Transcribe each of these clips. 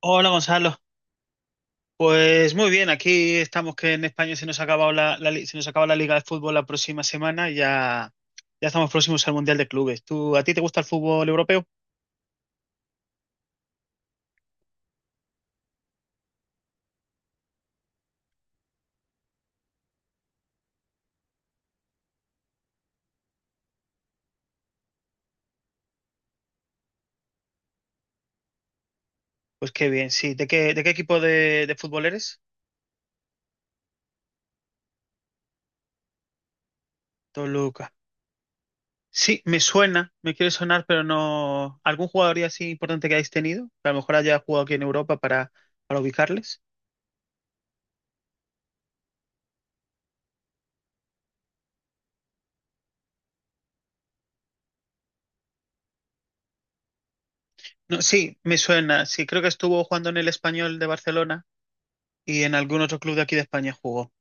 Hola Gonzalo, pues muy bien, aquí estamos que en España se nos ha acabado se nos acaba la Liga de Fútbol la próxima semana, ya estamos próximos al Mundial de Clubes. ¿A ti te gusta el fútbol europeo? Pues qué bien, sí. ¿De qué equipo de fútbol eres? Toluca. Sí, me suena, me quiere sonar, pero no. ¿Algún jugador así importante que hayáis tenido? Que a lo mejor haya jugado aquí en Europa para ubicarles. No, sí, me suena, sí, creo que estuvo jugando en el Español de Barcelona y en algún otro club de aquí de España jugó.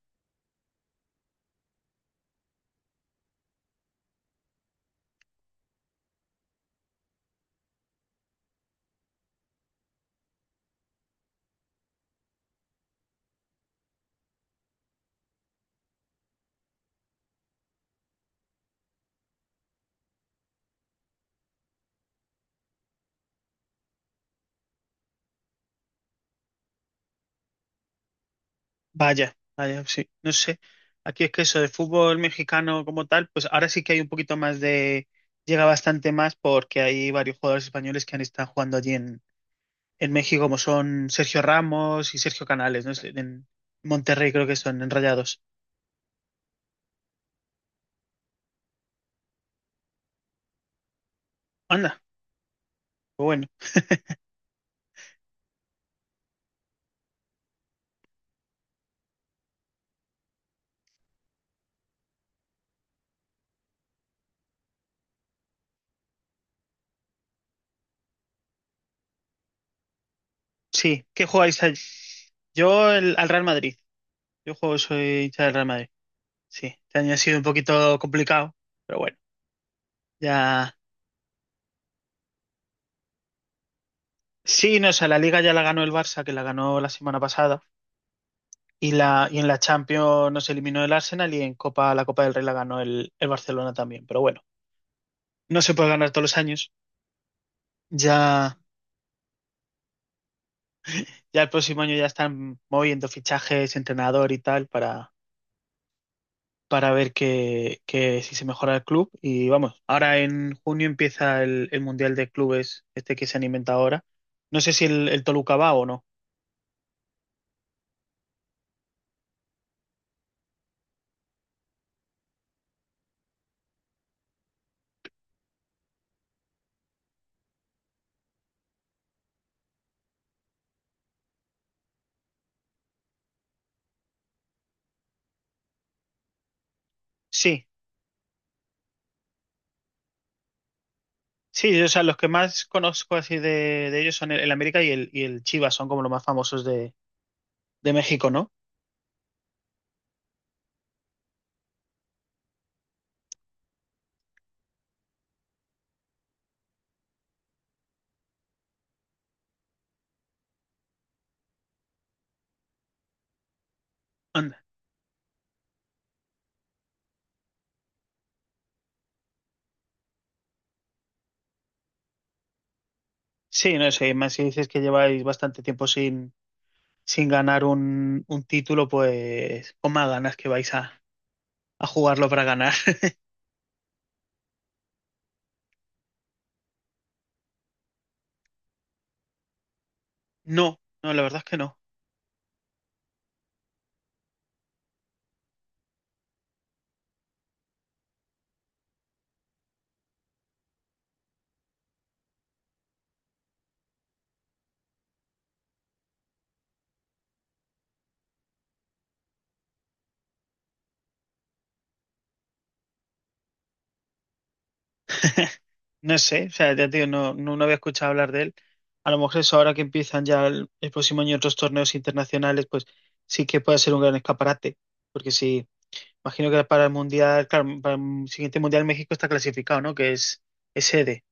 Vaya, vaya, sí, no sé. Aquí es que eso de fútbol mexicano como tal, pues ahora sí que hay un poquito más de... Llega bastante más porque hay varios jugadores españoles que han estado jugando en México, como son Sergio Ramos y Sergio Canales, ¿no sé? En Monterrey creo que son, en Rayados. Anda, pues bueno, sí. ¿Qué jugáis allí? Al Real Madrid. Yo juego, soy hincha del Real Madrid. Sí, este año ha sido un poquito complicado, pero bueno, ya... Sí, no, o sea, la Liga ya la ganó el Barça, que la ganó la semana pasada. Y y en la Champions nos eliminó el Arsenal, y en Copa, la Copa del Rey la ganó el Barcelona también. Pero bueno, no se puede ganar todos los años. Ya, ya el próximo año ya están moviendo fichajes, entrenador y tal para ver que si se mejora el club. Y vamos, ahora en junio empieza el Mundial de Clubes, este que se han inventado ahora. No sé si el Toluca va o no. Sí, sí, o sea, los que más conozco así de ellos son el América y el Chivas, son como los más famosos de México, ¿no? Han. Sí, no sé, más si dices que lleváis bastante tiempo sin ganar un título, pues con más ganas que vais a jugarlo para ganar. No, no, la verdad es que no. No sé, o sea, ya te digo, no había escuchado hablar de él. A lo mejor eso ahora que empiezan ya el próximo año otros torneos internacionales, pues sí que puede ser un gran escaparate. Porque sí, imagino que para el mundial, claro, para el siguiente mundial México está clasificado, ¿no? Que es sede.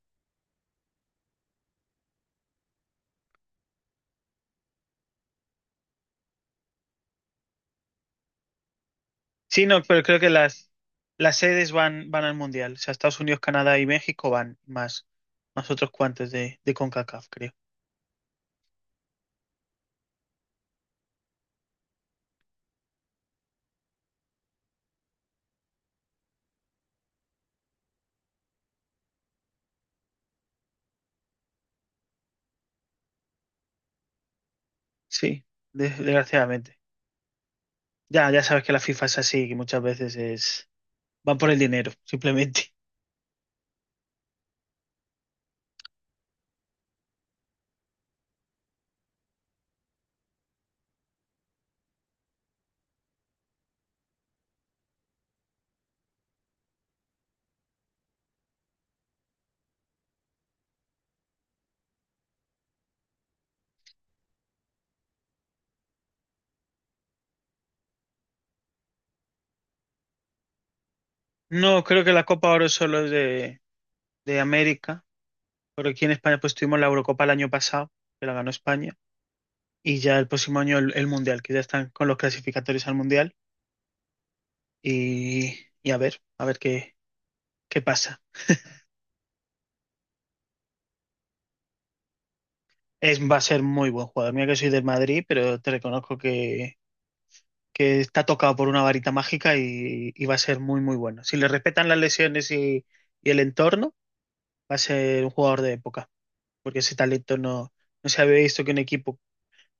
Sí, no, pero creo que las sedes van al Mundial. O sea, Estados Unidos, Canadá y México van más, más otros cuantos de CONCACAF, creo. Sí, desgraciadamente. Ya, ya sabes que la FIFA es así, que muchas veces es, van por el dinero, simplemente. No, creo que la Copa Oro solo es de América, pero aquí en España pues tuvimos la Eurocopa el año pasado, que la ganó España, y ya el próximo año el Mundial, que ya están con los clasificatorios al Mundial, y a ver qué, qué pasa. Es, va a ser muy buen jugador. Mira que soy del Madrid, pero te reconozco que está tocado por una varita mágica y va a ser muy, muy bueno. Si le respetan las lesiones y el entorno, va a ser un jugador de época, porque ese talento no, no se había visto que un equipo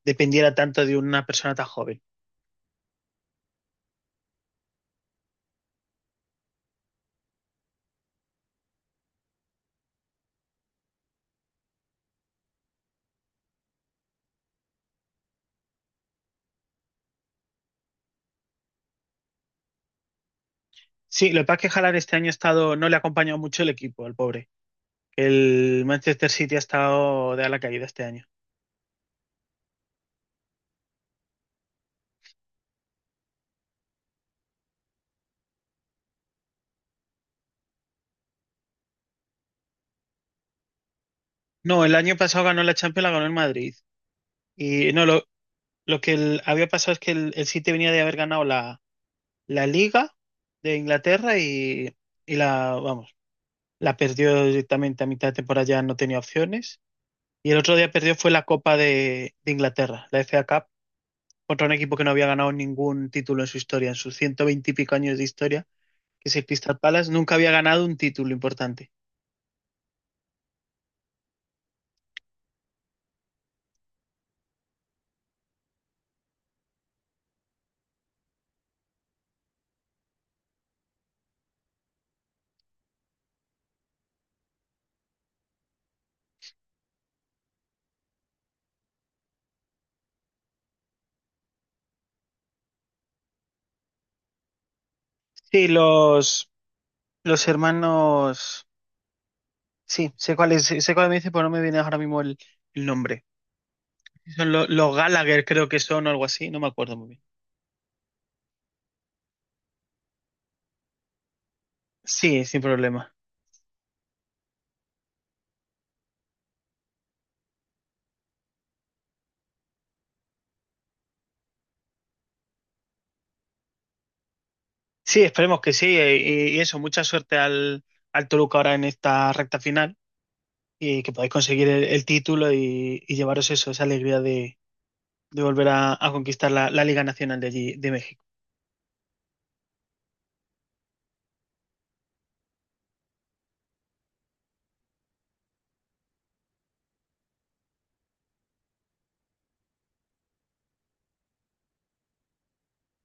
dependiera tanto de una persona tan joven. Sí, lo que pasa es que Haaland este año ha estado, no le ha acompañado mucho el equipo, al pobre. El Manchester City ha estado de a la caída este año. No, el año pasado ganó la Champions, la ganó el Madrid. Y no, lo que el- Había pasado es que el City venía de haber ganado la Liga de Inglaterra y la, vamos, la perdió directamente a mitad de temporada, ya no tenía opciones. Y el otro día perdió fue la Copa de Inglaterra, la FA Cup, contra un equipo que no había ganado ningún título en su historia, en sus 120 y pico años de historia, que es el Crystal Palace, nunca había ganado un título importante. Sí, los hermanos, sí, sé cuál es, sé cuál me dice, pero no me viene ahora mismo el nombre. Son los Gallagher, creo que son o algo así, no me acuerdo muy bien. Sí, sin problema. Sí, esperemos que sí. Y eso, mucha suerte al Toluca ahora en esta recta final, y que podáis conseguir el título y llevaros eso, esa alegría de volver a conquistar la, la Liga Nacional de allí, de México.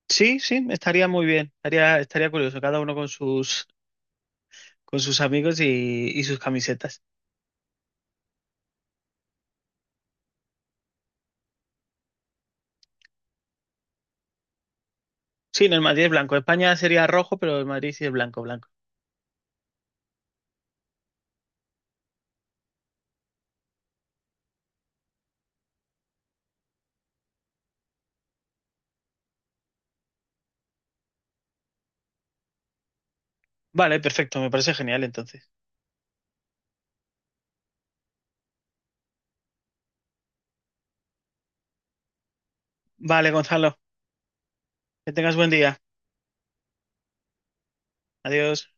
Sí, sí, estaría muy bien. Estaría, estaría curioso, cada uno con con sus amigos y sus camisetas. Sí, no, el Madrid es blanco. España sería rojo, pero el Madrid sí es blanco, blanco. Vale, perfecto, me parece genial entonces. Vale, Gonzalo. Que tengas buen día. Adiós.